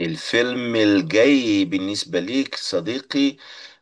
الفيلم الجاي بالنسبة ليك، صديقي،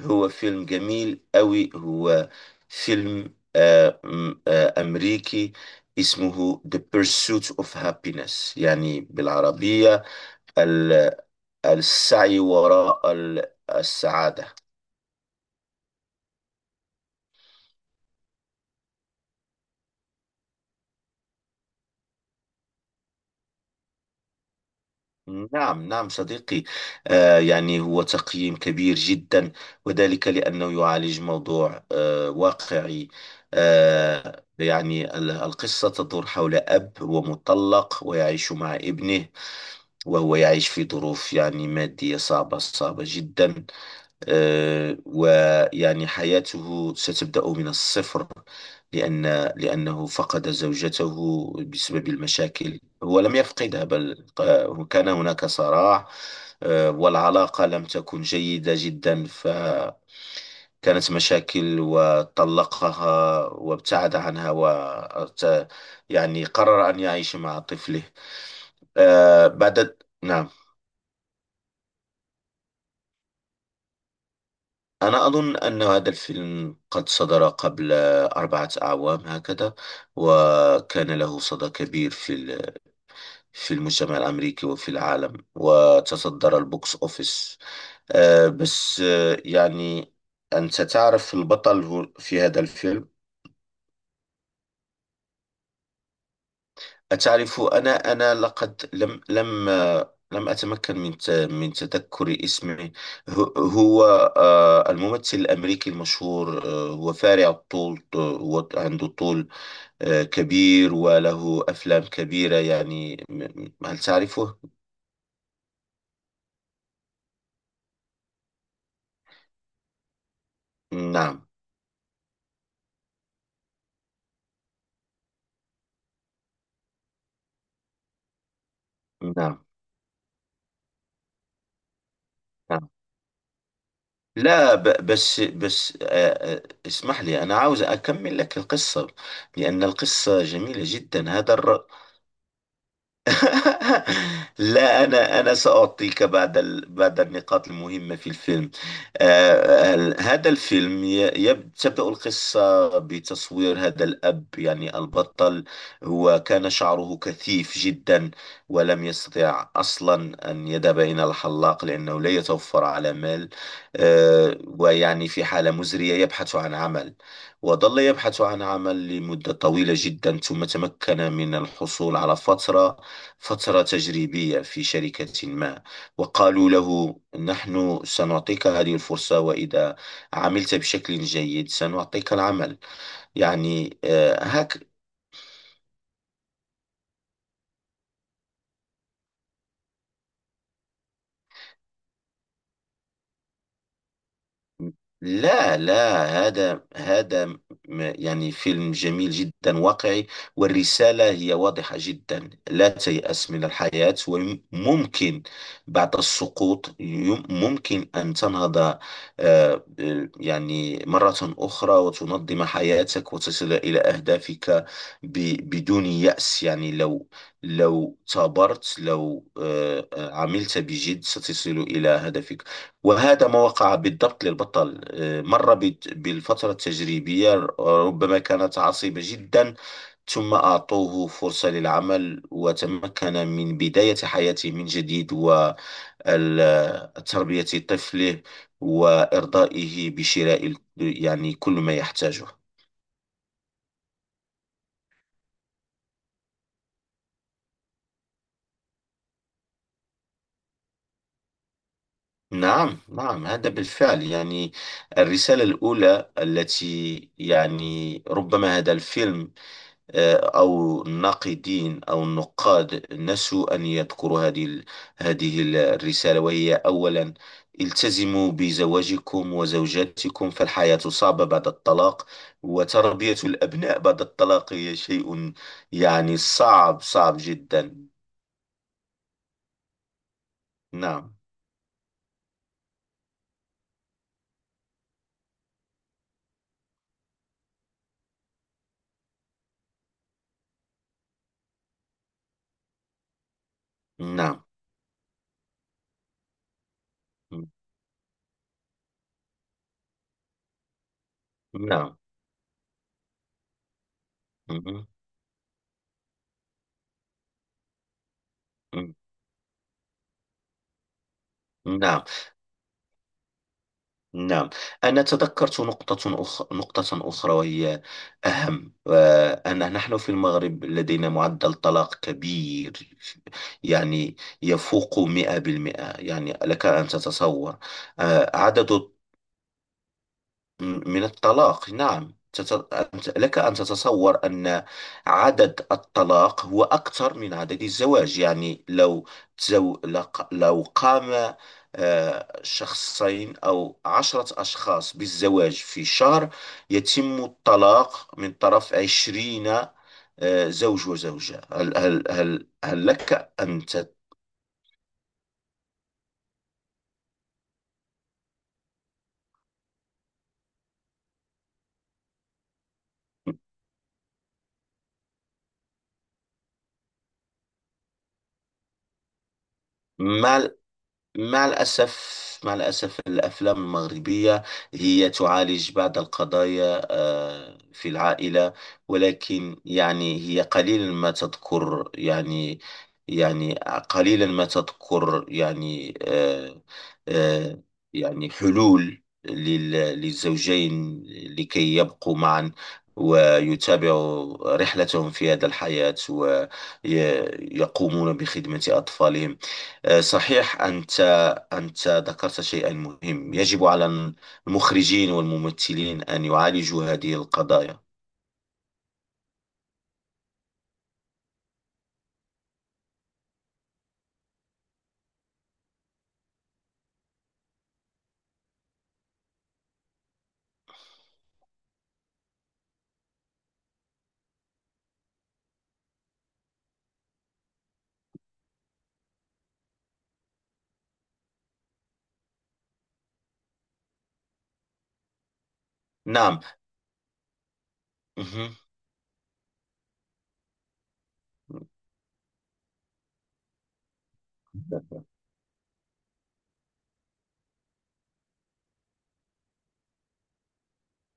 هو فيلم جميل قوي. هو فيلم أمريكي، اسمه The Pursuit of Happiness، يعني بالعربية ال- السعي وراء السعادة. نعم نعم، صديقي. يعني هو تقييم كبير جدا، وذلك لأنه يعالج موضوع واقعي. يعني القصة تدور حول أب هو مطلق ويعيش مع ابنه، وهو يعيش في ظروف يعني مادية صعبة صعبة جدا. ويعني حياته ستبدأ من الصفر، لأن لأنه فقد زوجته. بسبب المشاكل، هو لم يفقدها، بل كان هناك صراع، والعلاقة لم تكن جيدة جدا، فكانت مشاكل، وطلقها وابتعد عنها و يعني قرر أن يعيش مع طفله. آه، بعد نعم. أنا أظن أن هذا الفيلم قد صدر قبل أربعة أعوام هكذا، وكان له صدى كبير في في المجتمع الأمريكي وفي العالم، وتصدر البوكس أوفيس. بس يعني أنت تعرف البطل في هذا الفيلم. أتعرف، أنا لقد لم أتمكن من من تذكر اسمه. هو هو، الممثل الأمريكي المشهور، هو فارع الطول، هو عنده طول كبير، وله أفلام كبيرة، يعني هل تعرفه؟ نعم نعم نعم. لا بس بس، اسمح لي، أنا عاوز أكمل لك القصة، لأن القصة جميلة جدا. لا، أنا سأعطيك بعد النقاط المهمة في الفيلم. هذا الفيلم تبدأ القصة بتصوير هذا الأب، يعني البطل. هو كان شعره كثيف جدا، ولم يستطع أصلا أن يذهب إلى الحلاق لأنه لا يتوفر على مال. ويعني في حالة مزرية، يبحث عن عمل، وظل يبحث عن عمل لمدة طويلة جدا، ثم تمكن من الحصول على فترة، فترة تجريبية في شركة ما. وقالوا له، نحن سنعطيك هذه الفرصة، وإذا عملت بشكل جيد سنعطيك العمل. يعني هكذا. لا لا، يعني فيلم جميل جدا، واقعي، والرسالة هي واضحة جدا، لا تيأس من الحياة، وممكن بعد السقوط ممكن أن تنهض، آه، يعني مرة أخرى، وتنظم حياتك وتصل إلى أهدافك، بدون يأس. يعني لو ثابرت، لو عملت بجد، ستصل إلى هدفك. وهذا ما وقع بالضبط للبطل، مر بالفترة التجريبية، ربما كانت عصيبة جدا، ثم أعطوه فرصة للعمل، وتمكن من بداية حياته من جديد، وتربية طفله، وإرضائه بشراء يعني كل ما يحتاجه. نعم نعم، هذا بالفعل. يعني الرسالة الأولى التي يعني ربما هذا الفيلم أو الناقدين أو النقاد نسوا أن يذكروا هذه الرسالة، وهي أولا، التزموا بزواجكم وزوجاتكم، فالحياة صعبة بعد الطلاق، وتربية الأبناء بعد الطلاق هي شيء يعني صعب صعب جدا. نعم نعم نعم نعم نعم. نعم، أنا تذكرت نقطة أخرى، نقطة أخرى، وهي أهم، أن نحن في المغرب لدينا معدل طلاق كبير، يعني يفوق 100%. يعني لك أن تتصور عدد من الطلاق. نعم، لك أن تتصور أن عدد الطلاق هو أكثر من عدد الزواج. يعني لو لو قام شخصين أو عشرة أشخاص بالزواج في شهر، يتم الطلاق من طرف عشرين زوج وزوجة. هل لك أن تت... ما مع الأسف، مع الأسف، الأفلام المغربية هي تعالج بعض القضايا في العائلة، ولكن يعني هي قليلا ما تذكر، يعني يعني قليلا ما تذكر، يعني آه، يعني حلول للزوجين لكي يبقوا معا، ويتابعوا رحلتهم في هذا الحياة، ويقومون بخدمة أطفالهم. صحيح، أنت ذكرت شيئا مهم. يجب على المخرجين والممثلين أن يعالجوا هذه القضايا. نعم. مهم.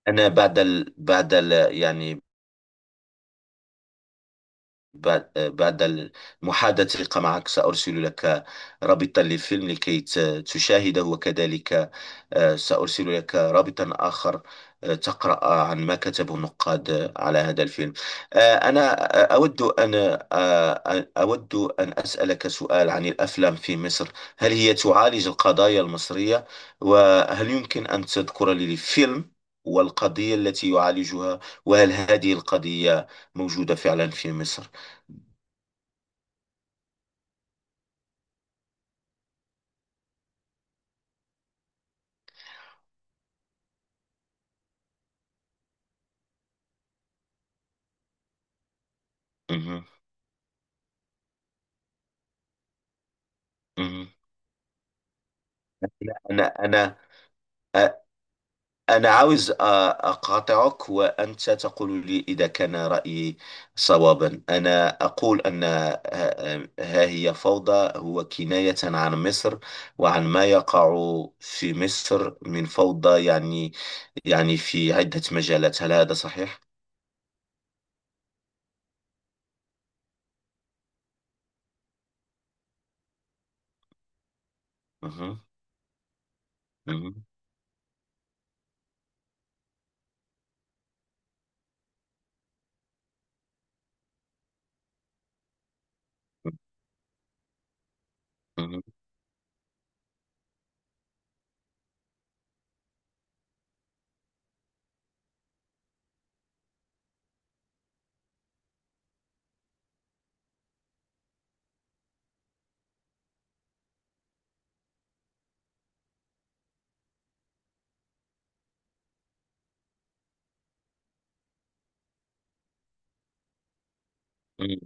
أنا يعني بعد المحادثة معك سأرسل لك رابطا للفيلم لكي تشاهده، وكذلك سأرسل لك رابطا آخر، تقرأ عن ما كتبه النقاد على هذا الفيلم. أنا أود أن أسألك سؤال عن الأفلام في مصر. هل هي تعالج القضايا المصرية؟ وهل يمكن أن تذكر لي فيلم والقضية التي يعالجها، وهل هذه القضية موجودة فعلا في مصر؟ مهم. مهم. أنا أنا أنا عاوز أقاطعك، وأنت تقول لي إذا كان رأيي صوابا. أنا أقول أن ها ها هي فوضى هو كناية عن مصر وعن ما يقع في مصر من فوضى، يعني في عدة مجالات. هل هذا صحيح؟ مهم. مهم. مهم.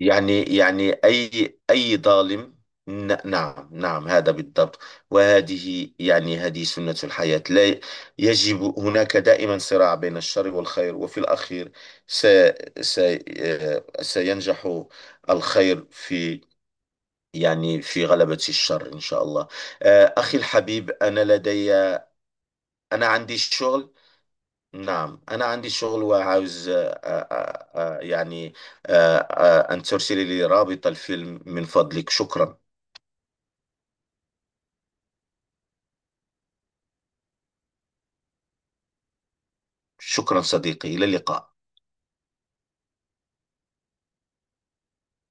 يعني أي ظالم. نعم نعم، هذا بالضبط، وهذه يعني هذه سنة الحياة. لا يجب، هناك دائما صراع بين الشر والخير، وفي الأخير س س آه، سينجح الخير في، يعني، في غلبة الشر، إن شاء الله. أخي الحبيب، أنا لدي، أنا عندي الشغل. نعم، أنا عندي شغل، وعاوز يعني أن ترسلي لي رابط الفيلم من فضلك، شكرا. شكرا، صديقي، إلى اللقاء